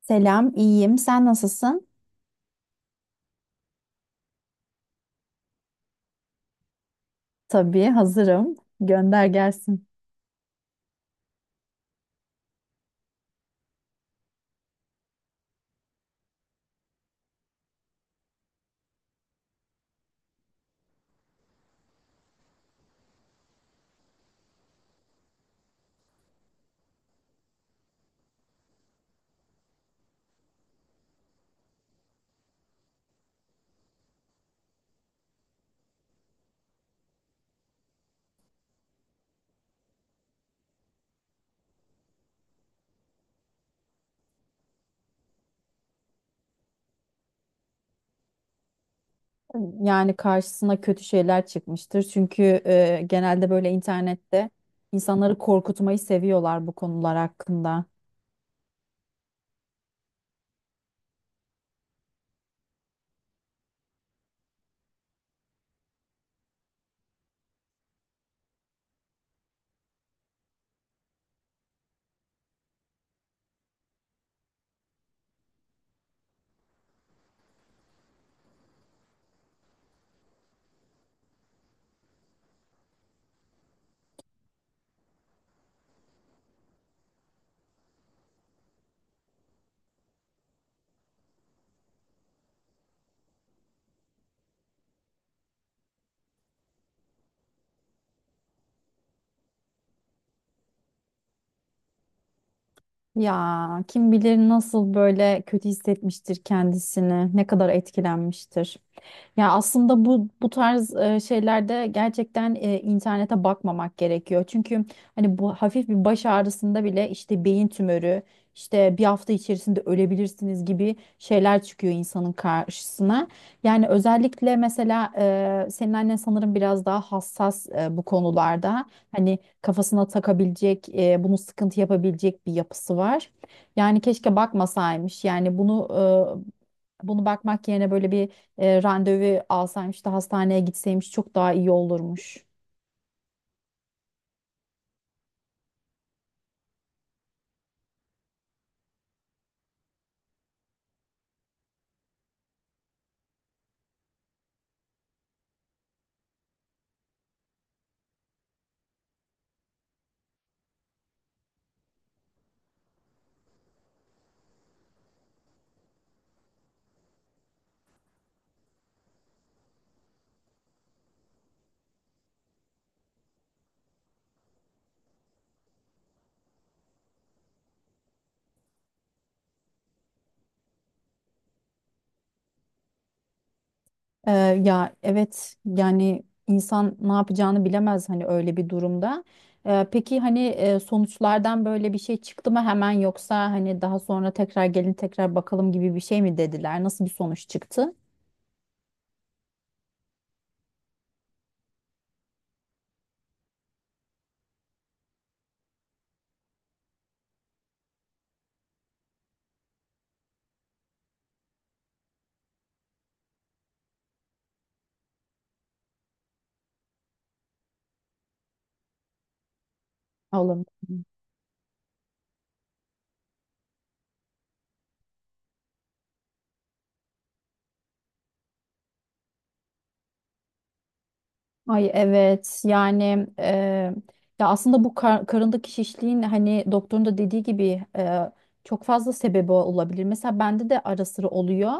Selam, iyiyim. Sen nasılsın? Tabii hazırım. Gönder gelsin. Yani karşısına kötü şeyler çıkmıştır. Çünkü genelde böyle internette insanları korkutmayı seviyorlar bu konular hakkında. Ya kim bilir nasıl böyle kötü hissetmiştir kendisini, ne kadar etkilenmiştir. Ya aslında bu tarz şeylerde gerçekten internete bakmamak gerekiyor. Çünkü hani bu hafif bir baş ağrısında bile işte beyin tümörü, işte bir hafta içerisinde ölebilirsiniz gibi şeyler çıkıyor insanın karşısına. Yani özellikle mesela senin annen sanırım biraz daha hassas, bu konularda hani kafasına takabilecek, bunu sıkıntı yapabilecek bir yapısı var. Yani keşke bakmasaymış. Yani bunu bakmak yerine böyle bir randevu alsaymış da hastaneye gitseymiş çok daha iyi olurmuş. Ee, Ya evet yani insan ne yapacağını bilemez hani öyle bir durumda. Peki hani sonuçlardan böyle bir şey çıktı mı hemen, yoksa hani daha sonra tekrar gelin tekrar bakalım gibi bir şey mi dediler? Nasıl bir sonuç çıktı? Olur. Ay evet ya aslında karındaki şişliğin hani doktorun da dediği gibi çok fazla sebebi olabilir. Mesela bende de ara sıra oluyor.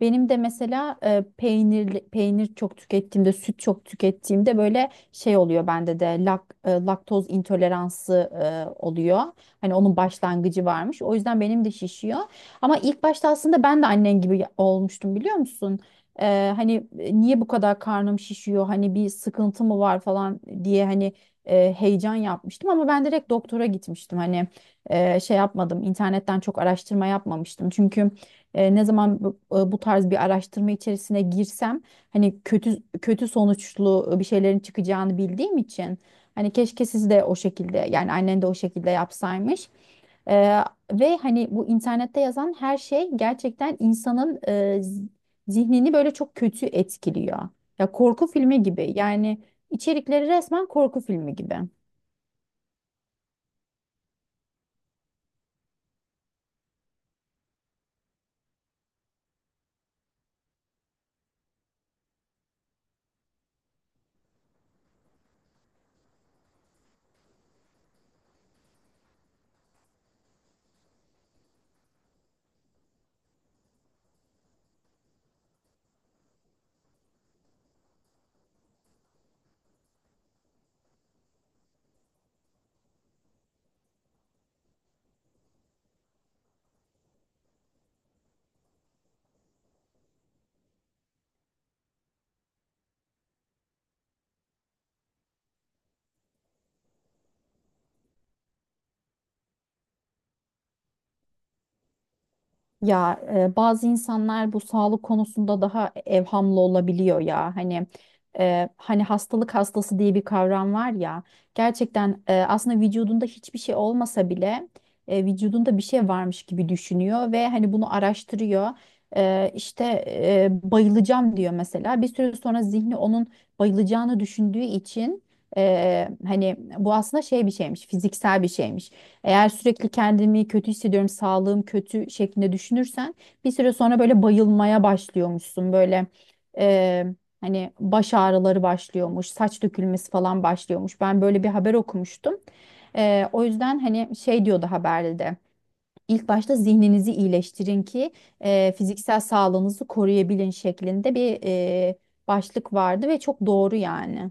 Benim de mesela peynir çok tükettiğimde, süt çok tükettiğimde böyle şey oluyor bende de laktoz intoleransı oluyor. Hani onun başlangıcı varmış. O yüzden benim de şişiyor. Ama ilk başta aslında ben de annen gibi olmuştum, biliyor musun? Hani niye bu kadar karnım şişiyor, hani bir sıkıntı mı var falan diye, hani heyecan yapmıştım ama ben direkt doktora gitmiştim. Hani şey yapmadım, internetten çok araştırma yapmamıştım, çünkü ne zaman bu tarz bir araştırma içerisine girsem hani kötü kötü sonuçlu bir şeylerin çıkacağını bildiğim için, hani keşke siz de o şekilde, yani annen de o şekilde yapsaymış. Eee, Ve hani bu internette yazan her şey gerçekten insanın zihnini böyle çok kötü etkiliyor. Ya korku filmi gibi yani, içerikleri resmen korku filmi gibi. Ya bazı insanlar bu sağlık konusunda daha evhamlı olabiliyor ya. Hani hastalık hastası diye bir kavram var ya. Gerçekten aslında vücudunda hiçbir şey olmasa bile vücudunda bir şey varmış gibi düşünüyor ve hani bunu araştırıyor. E, işte bayılacağım diyor mesela. Bir süre sonra zihni onun bayılacağını düşündüğü için hani bu aslında şey bir şeymiş, fiziksel bir şeymiş. Eğer sürekli kendimi kötü hissediyorum, sağlığım kötü şeklinde düşünürsen bir süre sonra böyle bayılmaya başlıyormuşsun. Böyle eee, hani baş ağrıları başlıyormuş, saç dökülmesi falan başlıyormuş. Ben böyle bir haber okumuştum. O yüzden hani şey diyordu haberde de. İlk başta zihninizi iyileştirin ki fiziksel sağlığınızı koruyabilin şeklinde bir başlık vardı ve çok doğru yani.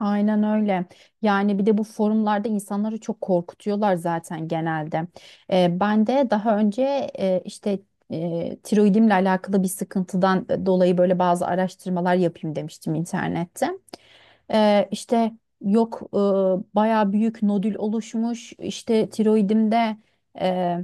Aynen öyle. Yani bir de bu forumlarda insanları çok korkutuyorlar zaten genelde. Ben de daha önce e, işte tiroidimle alakalı bir sıkıntıdan dolayı böyle bazı araştırmalar yapayım demiştim internette. Ee, işte Yok bayağı büyük nodül oluşmuş işte tiroidimde, e,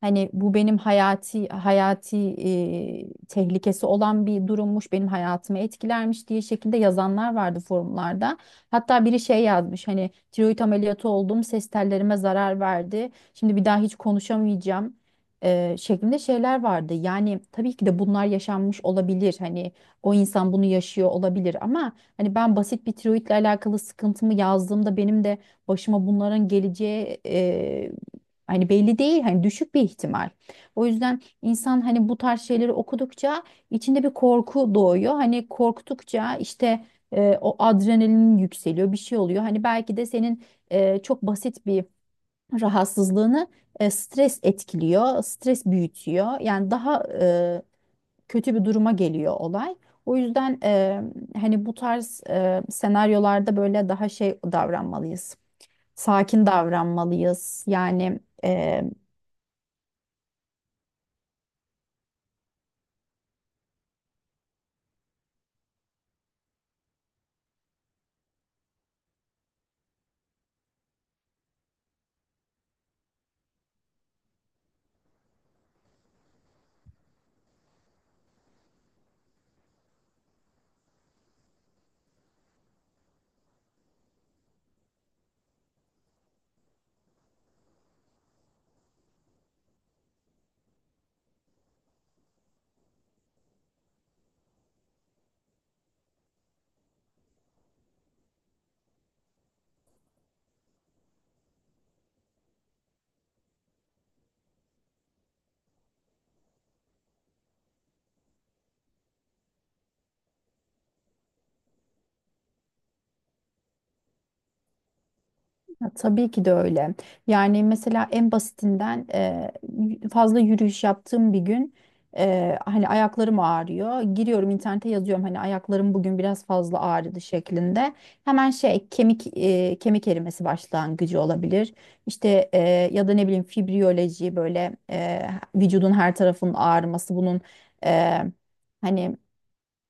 hani bu benim hayati tehlikesi olan bir durummuş, benim hayatımı etkilermiş diye şekilde yazanlar vardı forumlarda. Hatta biri şey yazmış, hani tiroid ameliyatı oldum, ses tellerime zarar verdi, şimdi bir daha hiç konuşamayacağım şeklinde şeyler vardı. Yani tabii ki de bunlar yaşanmış olabilir. Hani o insan bunu yaşıyor olabilir ama hani ben basit bir tiroidle alakalı sıkıntımı yazdığımda benim de başıma bunların geleceği hani belli değil, hani düşük bir ihtimal. O yüzden insan hani bu tarz şeyleri okudukça içinde bir korku doğuyor. Hani korktukça işte o adrenalin yükseliyor, bir şey oluyor. Hani belki de senin çok basit bir rahatsızlığını stres etkiliyor, stres büyütüyor. Yani daha kötü bir duruma geliyor olay. O yüzden hani bu tarz senaryolarda böyle daha şey davranmalıyız. Sakin davranmalıyız. Yani ya, tabii ki de öyle. Yani mesela en basitinden fazla yürüyüş yaptığım bir gün hani ayaklarım ağrıyor. Giriyorum internete, yazıyorum hani ayaklarım bugün biraz fazla ağrıdı şeklinde. Hemen şey kemik erimesi başlangıcı olabilir. İşte e, Ya da ne bileyim fibriyoloji böyle, vücudun her tarafının ağrıması bunun e, hani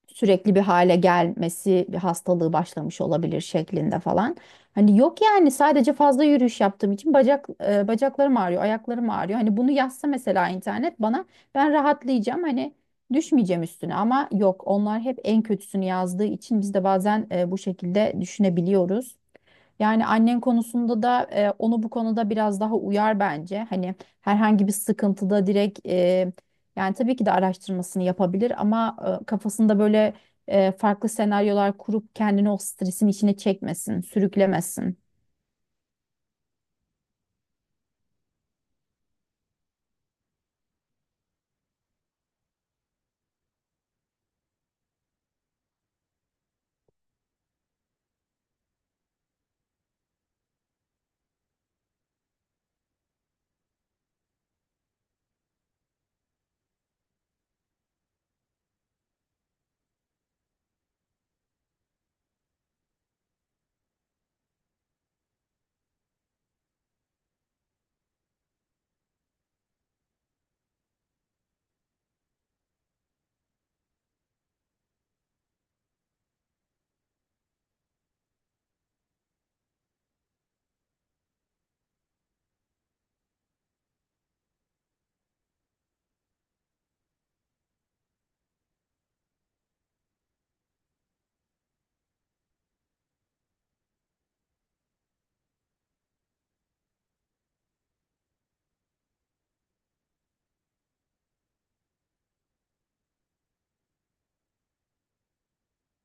sürekli bir hale gelmesi, bir hastalığı başlamış olabilir şeklinde falan. Hani yok yani, sadece fazla yürüyüş yaptığım için bacaklarım ağrıyor, ayaklarım ağrıyor. Hani bunu yazsa mesela internet bana, ben rahatlayacağım, hani düşmeyeceğim üstüne, ama yok, onlar hep en kötüsünü yazdığı için biz de bazen bu şekilde düşünebiliyoruz. Yani annen konusunda da onu bu konuda biraz daha uyar bence. Hani herhangi bir sıkıntıda direkt yani tabii ki de araştırmasını yapabilir ama kafasında böyle farklı senaryolar kurup kendini o stresin içine çekmesin, sürüklemesin.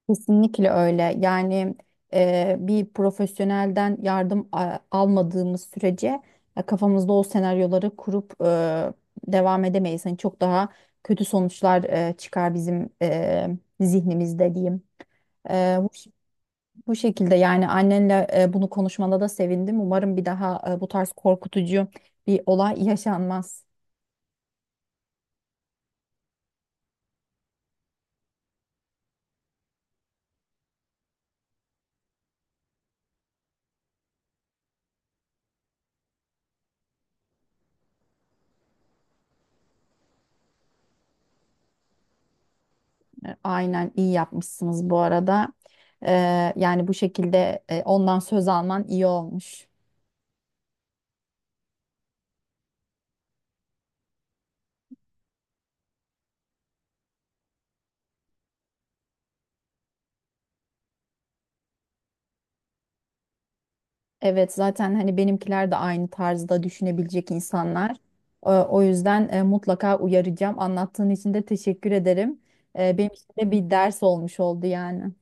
Kesinlikle öyle. Yani bir profesyonelden almadığımız sürece kafamızda o senaryoları kurup devam edemeyiz. Hani çok daha kötü sonuçlar çıkar bizim zihnimizde diyeyim. E, bu, ş- Bu şekilde yani annenle bunu konuşmana da sevindim. Umarım bir daha bu tarz korkutucu bir olay yaşanmaz. Aynen, iyi yapmışsınız bu arada. E, Yani bu şekilde ondan söz alman iyi olmuş. Evet, zaten hani benimkiler de aynı tarzda düşünebilecek insanlar. O yüzden mutlaka uyaracağım. Anlattığın için de teşekkür ederim. Benim için de bir ders olmuş oldu yani.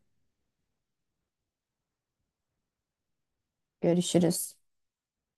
Görüşürüz.